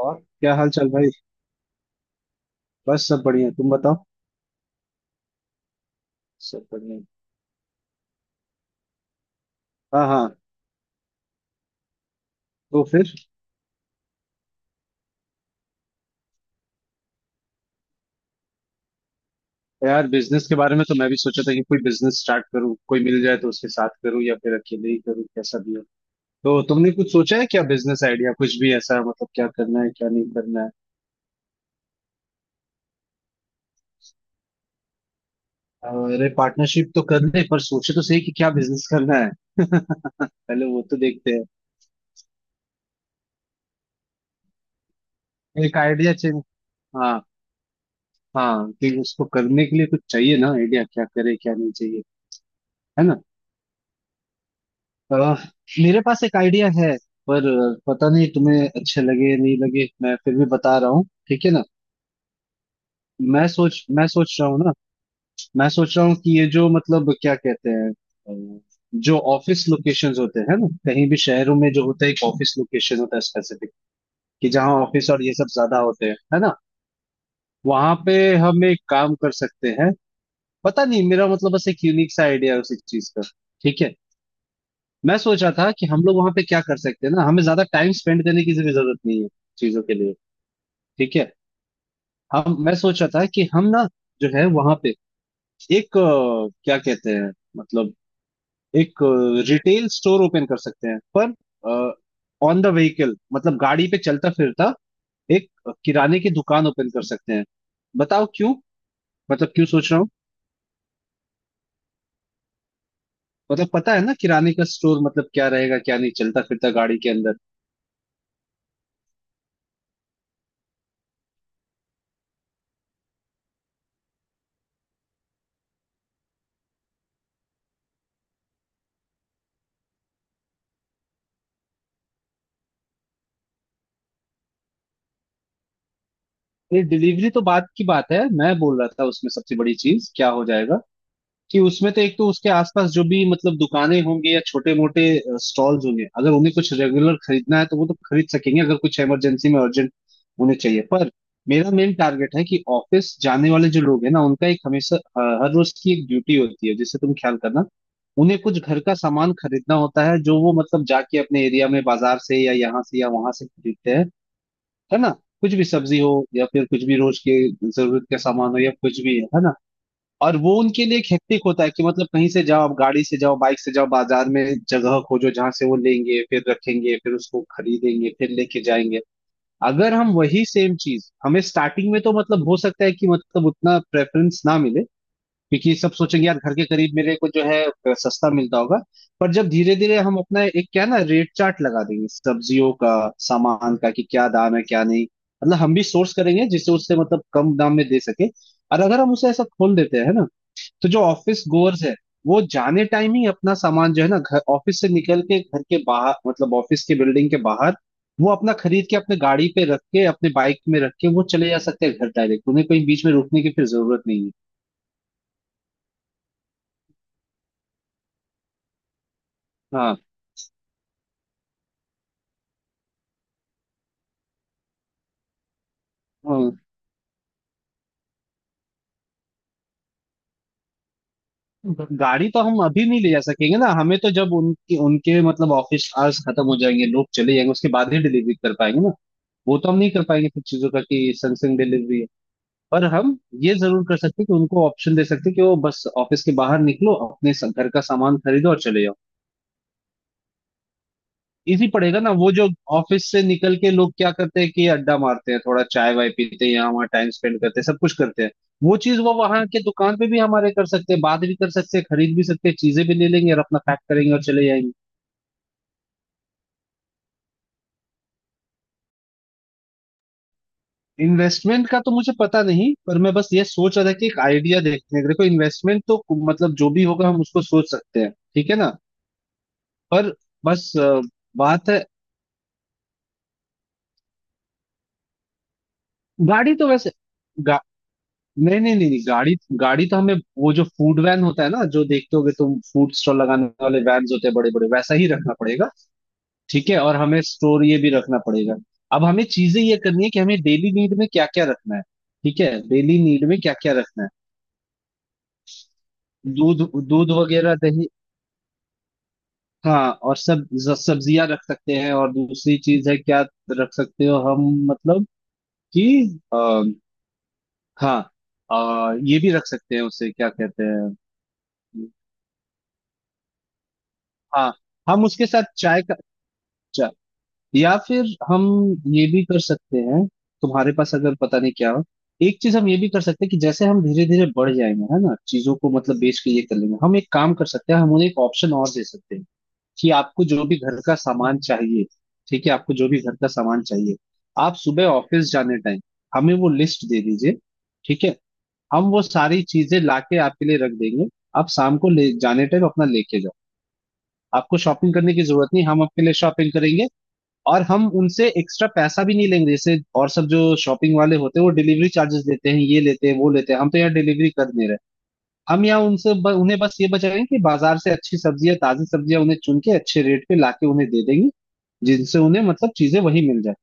और क्या हाल चाल भाई। बस सब बढ़िया तुम बताओ। सब बढ़िया। हाँ हाँ। तो फिर यार बिजनेस के बारे में तो मैं भी सोचा था कि कोई बिजनेस स्टार्ट करूँ, कोई मिल जाए तो उसके साथ करूँ या फिर अकेले ही करूँ, कैसा भी हो। तो तुमने कुछ सोचा है क्या? बिजनेस आइडिया कुछ भी ऐसा, मतलब क्या करना है क्या नहीं करना है। और अरे पार्टनरशिप तो कर ले, पर सोचे तो सही कि क्या बिजनेस करना है। पहले वो तो देखते हैं। एक आइडिया चाहिए। हाँ। हाँ कि उसको करने के लिए कुछ चाहिए ना, आइडिया क्या करे क्या नहीं चाहिए। है ना। अह, मेरे पास एक आइडिया है। पर पता नहीं तुम्हें अच्छे लगे नहीं लगे, मैं फिर भी बता रहा हूँ, ठीक है ना। मैं सोच रहा हूँ ना। मैं सोच रहा हूँ कि ये जो मतलब क्या कहते हैं जो ऑफिस लोकेशंस होते हैं ना, कहीं भी शहरों में जो होता है, एक ऑफिस लोकेशन होता है स्पेसिफिक। कि जहाँ ऑफिस और ये सब ज्यादा होते हैं, है ना। वहां पे हम एक काम कर सकते हैं। पता नहीं, मेरा मतलब बस एक यूनिक सा आइडिया है उसी चीज का। ठीक है। मैं सोचा था कि हम लोग वहां पे क्या कर सकते हैं ना, हमें ज्यादा टाइम स्पेंड करने की भी जरूरत नहीं है चीजों के लिए। ठीक है। हम मैं सोचा था कि हम ना जो है वहां पे एक क्या कहते हैं मतलब एक रिटेल स्टोर ओपन कर सकते हैं, पर ऑन द व्हीकल मतलब गाड़ी पे चलता फिरता एक किराने की दुकान ओपन कर सकते हैं। बताओ क्यों, मतलब क्यों सोच रहा हूँ। मतलब पता है ना किराने का स्टोर, मतलब क्या रहेगा क्या नहीं, चलता फिरता गाड़ी के अंदर। ये डिलीवरी तो बात की बात है, मैं बोल रहा था उसमें सबसे बड़ी चीज क्या हो जाएगा कि उसमें तो एक तो उसके आसपास जो भी मतलब दुकानें होंगी या छोटे मोटे स्टॉल्स होंगे, अगर उन्हें कुछ रेगुलर खरीदना है तो वो तो खरीद सकेंगे, अगर कुछ इमरजेंसी में अर्जेंट उन्हें चाहिए। पर मेरा मेन टारगेट है कि ऑफिस जाने वाले जो लोग हैं ना, उनका एक हमेशा हर रोज की एक ड्यूटी होती है जिसे तुम ख्याल करना, उन्हें कुछ घर का सामान खरीदना होता है जो वो मतलब जाके अपने एरिया में बाजार से या यहाँ से या वहां से खरीदते हैं, है ना। कुछ भी सब्जी हो या फिर कुछ भी रोज के जरूरत का सामान हो या कुछ भी है ना। और वो उनके लिए एक हेक्टिक होता है कि मतलब कहीं से जाओ, आप गाड़ी से जाओ, बाइक से जाओ, बाजार में जगह खोजो जहां से वो लेंगे, फिर रखेंगे फिर उसको खरीदेंगे फिर लेके जाएंगे। अगर हम वही सेम चीज हमें स्टार्टिंग में तो मतलब हो सकता है कि मतलब उतना प्रेफरेंस ना मिले, क्योंकि सब सोचेंगे यार घर के करीब मेरे को जो है सस्ता मिलता होगा। पर जब धीरे धीरे हम अपना एक क्या है ना रेट चार्ट लगा देंगे सब्जियों का, सामान का कि क्या दाम है क्या नहीं, मतलब हम भी सोर्स करेंगे जिससे उससे मतलब कम दाम में दे सके। और अगर हम उसे ऐसा खोल देते हैं ना, तो जो ऑफिस गोअर्स है वो जाने टाइम ही अपना सामान जो है ना घर ऑफिस से निकल के घर के बाहर मतलब ऑफिस के बिल्डिंग के बाहर वो अपना खरीद के अपने गाड़ी पे रख के अपने बाइक में रख के वो चले जा सकते हैं घर डायरेक्ट, उन्हें कहीं बीच में रुकने की फिर जरूरत नहीं है। हाँ। हाँ। गाड़ी तो हम अभी नहीं ले जा सकेंगे ना, हमें तो जब उनकी उनके मतलब ऑफिस आवर्स खत्म हो जाएंगे, लोग चले जाएंगे उसके बाद ही डिलीवरी कर पाएंगे ना। वो तो हम नहीं कर पाएंगे फिर चीजों का कि संगसंग डिलीवरी है। पर हम ये जरूर कर सकते हैं कि उनको ऑप्शन दे सकते हैं कि वो बस ऑफिस के बाहर निकलो, अपने घर का सामान खरीदो और चले जाओ। इजी पड़ेगा ना वो जो ऑफिस से निकल के लोग क्या करते हैं कि अड्डा मारते हैं, थोड़ा चाय वाय पीते हैं, यहाँ वहाँ टाइम स्पेंड करते हैं, सब कुछ करते हैं। वो चीज वो वहां के दुकान पे भी हमारे कर सकते हैं, बात भी कर सकते हैं, खरीद भी सकते हैं, चीजें भी ले लेंगे और अपना पैक करेंगे और चले जाएंगे। इन्वेस्टमेंट का तो मुझे पता नहीं, पर मैं बस ये सोच रहा था कि एक आइडिया देखने का, देखो इन्वेस्टमेंट तो मतलब जो भी होगा हम उसको सोच सकते हैं, ठीक है ना। पर बस बात है। गाड़ी तो वैसे गा, नहीं नहीं नहीं नहीं, गाड़ी गाड़ी तो हमें वो जो फूड वैन होता है ना जो देखते होगे तुम, फूड स्टॉल लगाने वाले वैन होते हैं बड़े बड़े, वैसा ही रखना पड़ेगा। ठीक है और हमें स्टोर ये भी रखना पड़ेगा। अब हमें चीजें ये करनी है कि हमें डेली नीड में क्या क्या रखना है। ठीक है डेली नीड में क्या क्या रखना है। दूध, दूध वगैरह दही। हाँ और सब्जियां रख सकते हैं, और दूसरी चीज है क्या रख सकते हो हम मतलब कि आ, हाँ ये भी रख सकते हैं, उसे क्या कहते हैं। हाँ हम उसके साथ चाय का चल या फिर हम ये भी कर सकते हैं, तुम्हारे पास अगर पता नहीं क्या हो, एक चीज हम ये भी कर सकते हैं कि जैसे हम धीरे धीरे बढ़ जाएंगे है ना चीजों को मतलब बेच के ये कर लेंगे, हम एक काम कर सकते हैं, हम उन्हें एक ऑप्शन और दे सकते हैं कि आपको जो भी घर का सामान चाहिए। ठीक है आपको जो भी घर का सामान चाहिए, आप सुबह ऑफिस जाने टाइम हमें वो लिस्ट दे दीजिए। ठीक है हम वो सारी चीजें लाके आपके लिए रख देंगे। आप शाम को ले जाने टाइम अपना लेके जाओ। आपको शॉपिंग करने की जरूरत नहीं, हम आपके लिए शॉपिंग करेंगे। और हम उनसे एक्स्ट्रा पैसा भी नहीं लेंगे, जैसे और सब जो शॉपिंग वाले होते हैं वो डिलीवरी चार्जेस लेते हैं, ये लेते हैं वो लेते हैं, हम तो यहाँ डिलीवरी कर दे रहे हैं। हम यहाँ उनसे उन्हें बस ये बचाएंगे कि बाजार से अच्छी सब्जियां ताजी सब्जियां उन्हें चुन के अच्छे रेट पे लाके उन्हें दे देंगे, जिनसे उन्हें मतलब चीजें वही मिल जाए।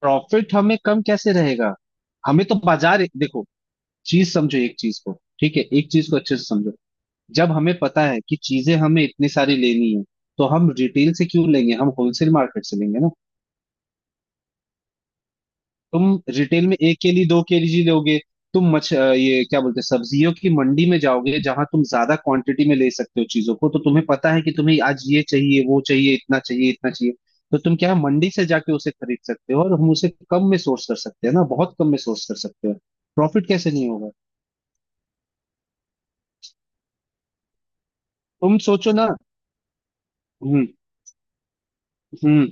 प्रॉफिट हमें कम कैसे रहेगा? हमें तो बाजार देखो, चीज समझो एक चीज को। ठीक है एक चीज को अच्छे से समझो। जब हमें पता है कि चीजें हमें इतनी सारी लेनी है, तो हम रिटेल से क्यों लेंगे, हम होलसेल मार्केट से लेंगे ना। तुम रिटेल में एक केली 2 केजी लोगे। तुम ये क्या बोलते हैं सब्जियों की मंडी में जाओगे जहां तुम ज्यादा क्वांटिटी में ले सकते हो चीजों को, तो तुम्हें पता है कि तुम्हें आज ये चाहिए वो चाहिए इतना चाहिए इतना चाहिए। तो तुम क्या है मंडी से जाके उसे खरीद सकते हो और हम उसे कम में सोर्स कर सकते हैं ना, बहुत कम में सोर्स कर सकते हो। प्रॉफिट कैसे नहीं होगा? तुम सोचो ना। हम्म। हम्म।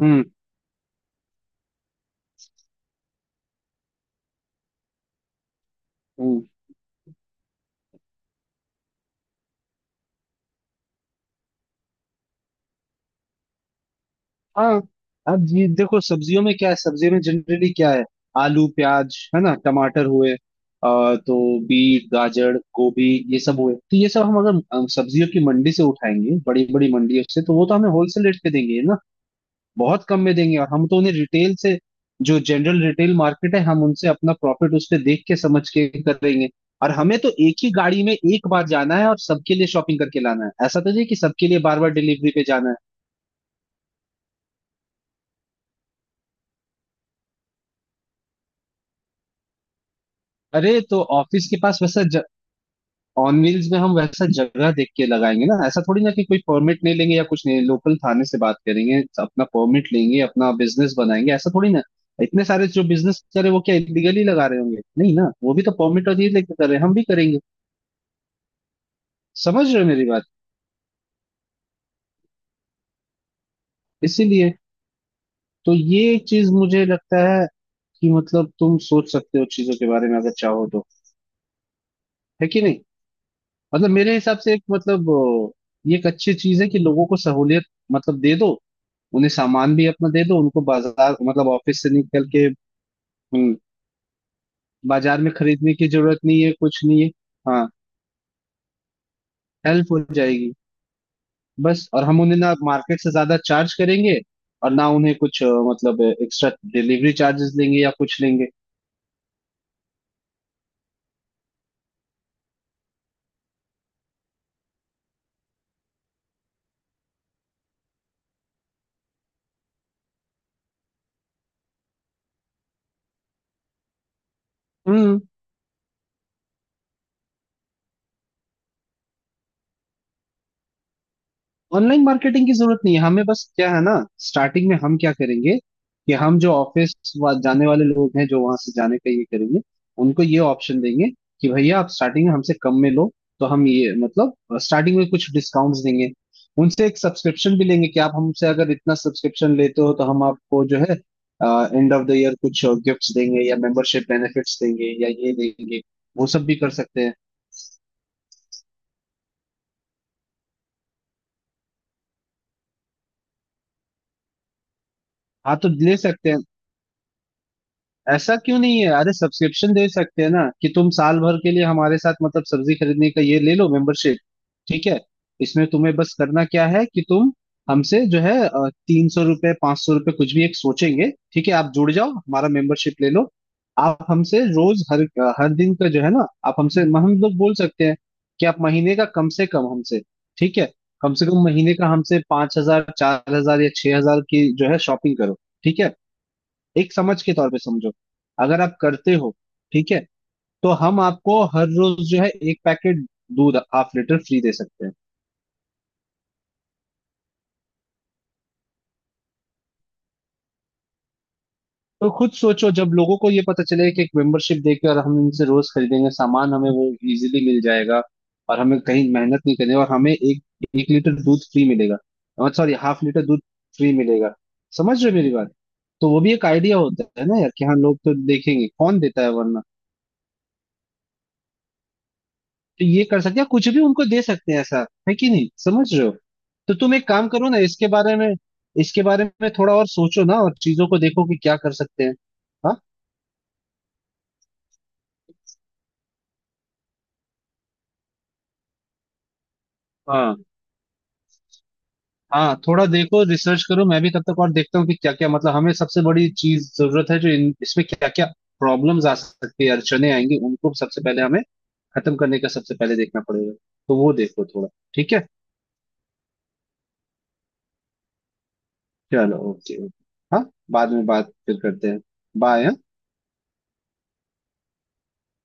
हम्म। हम्म। हाँ। अब ये देखो सब्जियों में क्या है, सब्जियों में जनरली क्या है, आलू प्याज है ना टमाटर हुए तो बीट गाजर गोभी ये सब हुए। तो ये सब हम अगर सब्जियों की मंडी से उठाएंगे बड़ी बड़ी मंडियों से तो वो तो हमें होलसेल रेट पे देंगे ना। बहुत कम में देंगे और हम तो उन्हें रिटेल से जो जनरल रिटेल मार्केट है हम उनसे अपना प्रॉफिट उस पे देख के समझ के करेंगे। और हमें तो एक ही गाड़ी में एक बार जाना है और सबके लिए शॉपिंग करके लाना है, ऐसा तो नहीं कि सबके लिए बार बार डिलीवरी पे जाना है। अरे तो ऑफिस के पास वैसा ऑन व्हील्स में हम वैसा जगह देख के लगाएंगे ना, ऐसा थोड़ी ना कि कोई परमिट नहीं लेंगे या कुछ नहीं, लोकल थाने से बात करेंगे अपना परमिट लेंगे अपना बिजनेस बनाएंगे ऐसा थोड़ी ना। इतने सारे जो बिजनेस कर रहे हैं, वो क्या इलीगली लगा रहे होंगे? नहीं ना, वो भी तो परमिट और ये लेके कर रहे हैं, हम भी करेंगे। समझ रहे हो मेरी बात? इसीलिए तो ये चीज मुझे लगता है कि मतलब तुम सोच सकते हो चीजों के बारे में अगर चाहो तो, है कि नहीं। मतलब मेरे हिसाब से एक मतलब ये एक अच्छी चीज है कि लोगों को सहूलियत मतलब दे दो, उन्हें सामान भी अपना दे दो उनको बाजार मतलब ऑफिस से निकल के। हम्म। बाजार में खरीदने की जरूरत नहीं है, कुछ नहीं है। हाँ हेल्प हो जाएगी। बस और हम उन्हें ना मार्केट से ज्यादा चार्ज करेंगे और ना उन्हें कुछ मतलब एक्स्ट्रा डिलीवरी चार्जेस लेंगे या कुछ लेंगे। हम्म। ऑनलाइन मार्केटिंग की जरूरत नहीं है हमें, बस क्या है ना स्टार्टिंग में हम क्या करेंगे कि हम जो ऑफिस जाने वाले लोग हैं जो वहां से जाने का ये करेंगे उनको ये ऑप्शन देंगे कि भैया आप स्टार्टिंग में हमसे कम में लो, तो हम ये मतलब स्टार्टिंग में कुछ डिस्काउंट्स देंगे। उनसे एक सब्सक्रिप्शन भी लेंगे कि आप हमसे अगर इतना सब्सक्रिप्शन लेते हो तो हम आपको जो है एंड ऑफ द ईयर कुछ गिफ्ट्स देंगे या मेंबरशिप बेनिफिट्स देंगे या ये देंगे। वो सब भी कर सकते हैं। हाँ तो ले सकते हैं, ऐसा क्यों नहीं है। अरे सब्सक्रिप्शन दे सकते हैं ना, कि तुम साल भर के लिए हमारे साथ मतलब सब्जी खरीदने का ये ले लो मेंबरशिप। ठीक है। इसमें तुम्हें बस करना क्या है कि तुम हमसे जो है ₹300 ₹500 कुछ भी एक सोचेंगे, ठीक है, आप जुड़ जाओ हमारा मेंबरशिप ले लो। आप हमसे रोज हर हर दिन का जो है ना आप हमसे हम लोग बोल सकते हैं कि आप महीने का कम से कम हमसे, ठीक है, कम से कम महीने का हमसे 5,000 4,000 या 6,000 की जो है शॉपिंग करो। ठीक है एक समझ के तौर पे समझो, अगर आप करते हो, ठीक है, तो हम आपको हर रोज जो है एक पैकेट दूध हाफ लीटर फ्री दे सकते हैं। तो खुद सोचो जब लोगों को ये पता चले कि एक मेंबरशिप देकर हम इनसे रोज खरीदेंगे सामान, हमें वो इजीली मिल जाएगा और हमें कहीं मेहनत नहीं करनी और हमें एक एक लीटर दूध फ्री मिलेगा, सॉरी हाफ लीटर दूध फ्री मिलेगा। समझ रहे हो मेरी बात? तो वो भी एक आइडिया होता है ना यार कि हाँ लोग तो देखेंगे कौन देता है वरना। तो ये कर सकते हैं कुछ भी उनको दे सकते हैं, ऐसा है कि नहीं, समझ रहे हो। तो तुम एक काम करो ना, इसके बारे में थोड़ा और सोचो ना और चीजों को देखो कि क्या कर सकते हैं। हाँ। हाँ। हाँ थोड़ा देखो रिसर्च करो, मैं भी तब तक और देखता हूँ कि क्या क्या मतलब हमें सबसे बड़ी चीज जरूरत है जो इसमें क्या क्या प्रॉब्लम्स आ सकती है अड़चने आएंगी उनको सबसे पहले हमें खत्म करने का सबसे पहले देखना पड़ेगा। तो वो देखो थोड़ा। ठीक है। चलो ओके ओके। हाँ बाद में बात फिर करते हैं। बाय।